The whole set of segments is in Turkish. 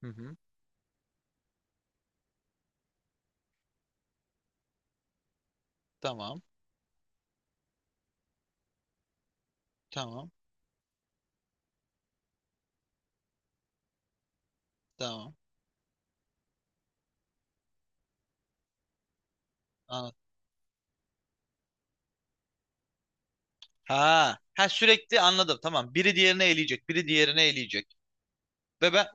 Hı hı. Tamam. Tamam. Tamam. Anladım. Ha, ha sürekli anladım. Tamam. Biri diğerini eleyecek. Biri diğerini eleyecek. Ve ben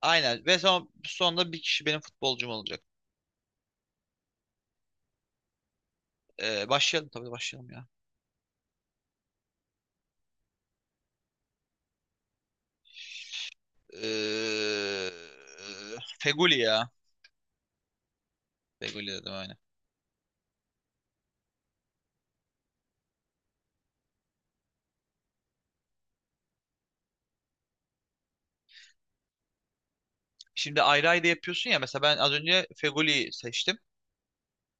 aynen. Ve sonunda bir kişi benim futbolcum olacak. Başlayalım tabii başlayalım ya. Ee, Feguli ya. Feguli dedim aynen. Şimdi ayrı ayrı yapıyorsun ya. Mesela ben az önce Feguli'yi seçtim.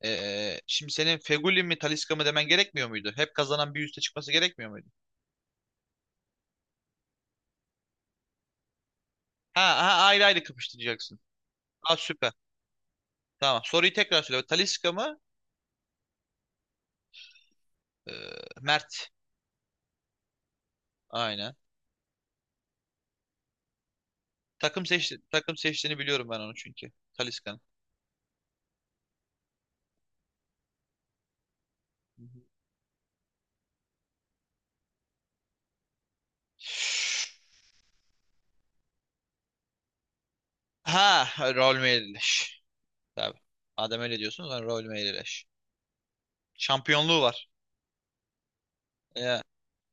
Şimdi senin Feguli mi Talisca mı demen gerekmiyor muydu? Hep kazanan bir üste çıkması gerekmiyor muydu? Ha, ha ayrı ayrı kapıştıracaksın. Ha, süper. Tamam. Soruyu tekrar söyle. Talisca mı? Ee, Mert. Aynen. Takım seçtiğini biliyorum ben onu çünkü. Talisca'nın. Hı hı. Ha, rol meyleş. Tabii. Adem öyle diyorsunuz ben rol meyleş. Şampiyonluğu var. Ya.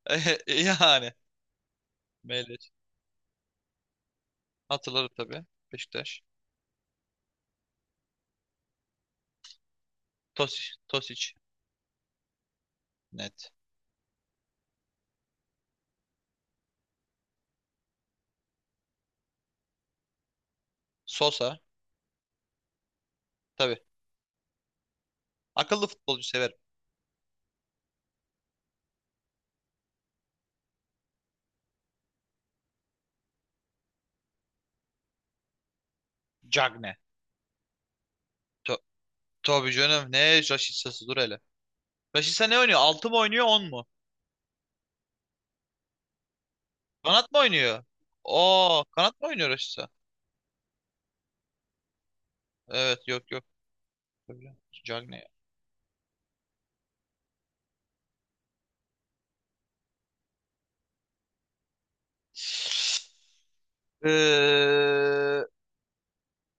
Yani. Meyleş. Hatırlarım tabii. Beşiktaş. Tosic. Tosic. Net. Sosa. Tabii. Akıllı futbolcu severim. Cagne. To tabii canım. Ne Rashica, dur hele. Rashica ne oynuyor? 6 mı oynuyor, 10 mu? Kanat mı oynuyor? Oo, kanat mı oynuyor Rashica? Evet, yok yok. Böyle. Sucak. Ee,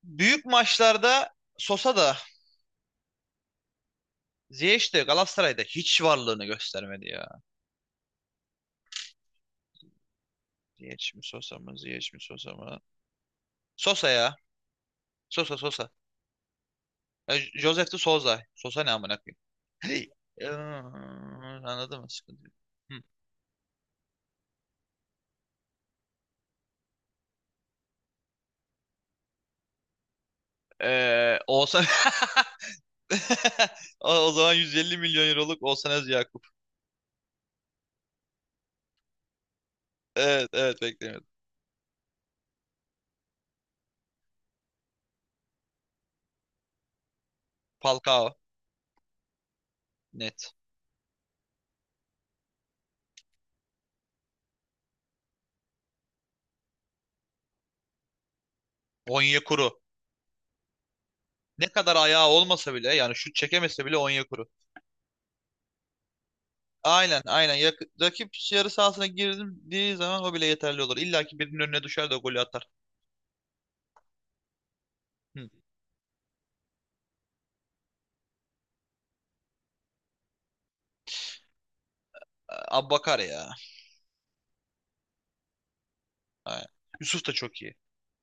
büyük maçlarda Sosa da Ziyech de Galatasaray'da hiç varlığını göstermedi ya. Ziyech mi Sosa mı? Ziyech mi Sosa mı? Sosa ya. Sosa Sosa. Ya, Josef de Sosa. Sosa ne amına koyayım? Hey. Ee, Anladın mı? Sıkıntı yok. Hı. Oğuzhan. O zaman 150 milyon euroluk Oğuzhan Özyakup. Evet evet beklemiyordum. Falcao net. Onyekuru. Ne kadar ayağı olmasa bile yani şut çekemese bile Onyekuru. Aynen aynen. Rakip yarı sahasına girdiği zaman o bile yeterli olur. İlla ki birinin önüne düşer de o golü atar. Hı. Abbakar ya. Aynen. Yusuf da çok iyi.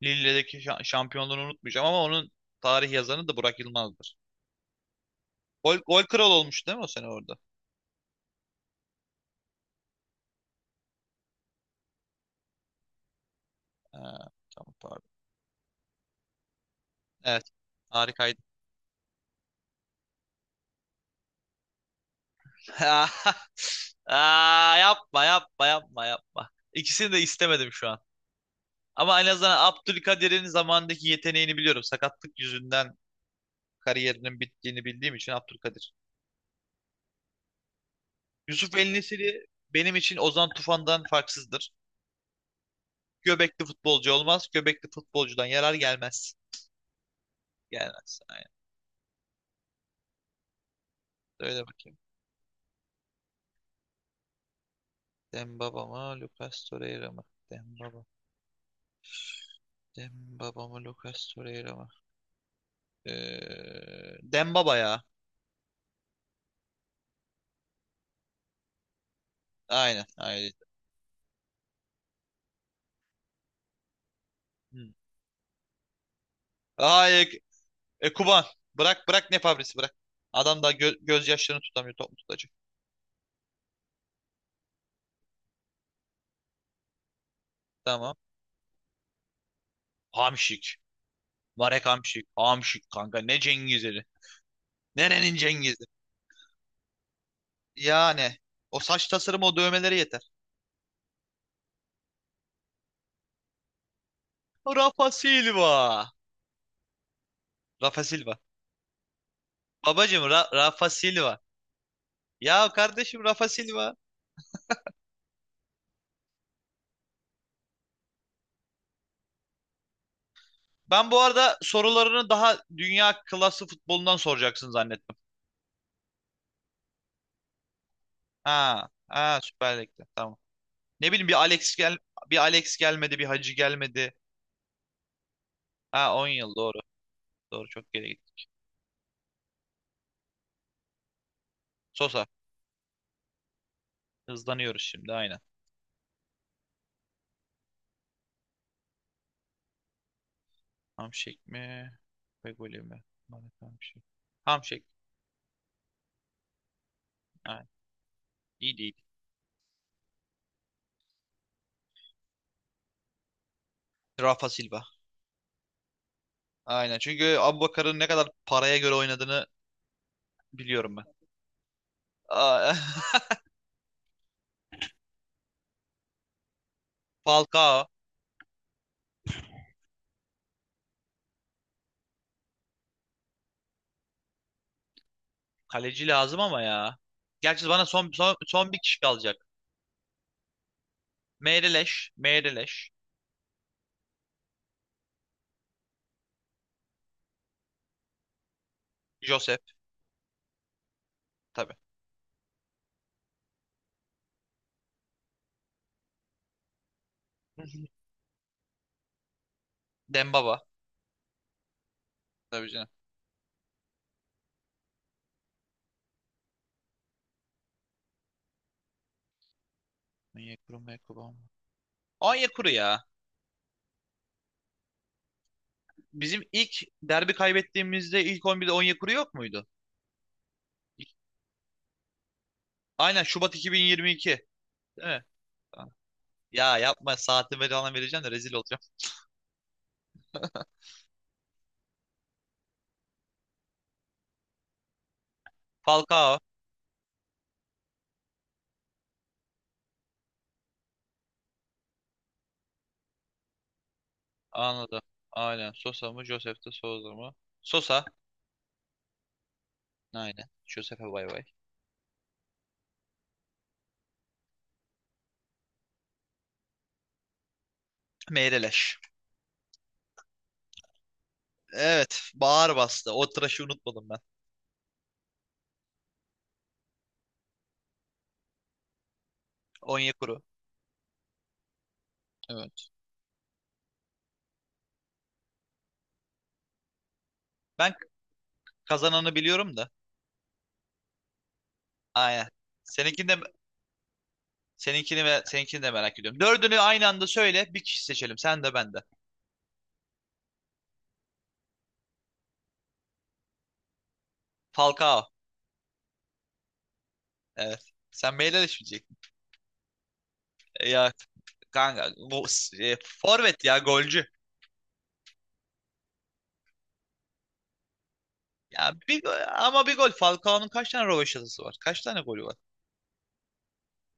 Lille'deki şampiyonluğunu unutmayacağım, ama onun tarih yazanı da Burak Yılmaz'dır. Gol kral olmuş değil mi o sene orada? Ha, tamam pardon. Evet. Harikaydı. Aa, yapma yapma yapma yapma. İkisini de istemedim şu an. Ama en azından Abdülkadir'in zamandaki yeteneğini biliyorum. Sakatlık yüzünden kariyerinin bittiğini bildiğim için Abdülkadir. Yusuf El Nesiri benim için Ozan Tufan'dan farksızdır. Göbekli futbolcu olmaz. Göbekli futbolcudan yarar gelmez. Gelmez. Aynen. Öyle bakayım. Dembaba mı? Lucas Torreira mı? Dembaba. Dembaba mı? Lucas Torreira mı? Dembaba ya. Aynen. Aynen. Hı. Ay, Kuban. Bırak bırak, ne fabrisi bırak. Adam da gözyaşlarını tutamıyor, top tutacak. Tamam. Hamşik. Marek Hamşik. Hamşik kanka. Ne Cengiz'i? Nerenin Cengiz'i? Yani. O saç tasarımı, o dövmeleri yeter. Rafa Silva. Rafa Silva. Babacım Rafa Silva. Ya kardeşim, Rafa Silva. Ben bu arada sorularını daha dünya klası futbolundan soracaksın zannettim. Ha, ha Süper Lig'de. Tamam. Ne bileyim, bir Alex gelmedi, bir Hacı gelmedi. Ha, 10 yıl doğru. Doğru, çok geri gitti. Sosa. Hızlanıyoruz şimdi aynen. Hamşik mi? Fegoli mi? Mehmet Hamşik. Hamşik. Aynen. İyi değil. Rafa Silva. Aynen. Çünkü Abubakar'ın ne kadar paraya göre oynadığını biliyorum ben. Aa, Falcao. Kaleci lazım ama ya. Gerçi bana son bir kişi kalacak. Meireles. Meireles. Josep. Tabii. Dembaba. Tabii canım. Onyekuru Mekuru ama. Onyekuru ya. Bizim ilk derbi kaybettiğimizde ilk 11'de Onyekuru yok muydu? İlk- Aynen, Şubat 2022. Değil mi? Ya yapma, saatini ver falan vereceğim de rezil olacağım. Falcao. Anladım. Aynen. Sosa mı? Josef de Souza mı? Sosa. Aynen. Josef'e bay bay. Meyreleş. Evet. Bağır bastı. O tıraşı unutmadım ben. Onyekuru. Evet. Ben kazananı biliyorum da. Aynen. Seninkini de, seninkini de merak ediyorum. Dördünü aynı anda söyle. Bir kişi seçelim. Sen de ben de. Falcao. Evet. Sen Meyreleş mi? Ya kanka, forvet ya. Golcü. Ya ama bir gol. Falcao'nun kaç tane rövaşatası var? Kaç tane golü var?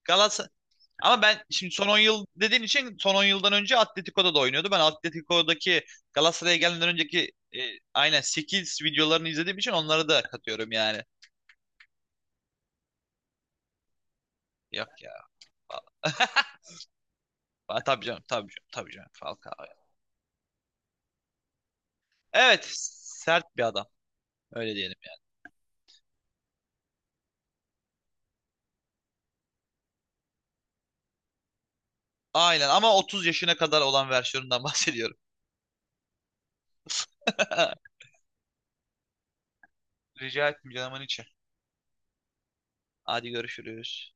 Galatasaray, ama ben şimdi son 10 yıl dediğin için son 10 yıldan önce Atletico'da da oynuyordu. Ben Atletico'daki Galatasaray'a gelmeden önceki aynen 8 videolarını izlediğim için onları da katıyorum yani. Yok ya. Aa, tabii canım, tabii canım, tabii canım. Falcao, ya. Evet, sert bir adam. Öyle diyelim, ya. Aynen, ama 30 yaşına kadar olan versiyonundan bahsediyorum. Rica etmeyeceğim canımın içi. Hadi görüşürüz.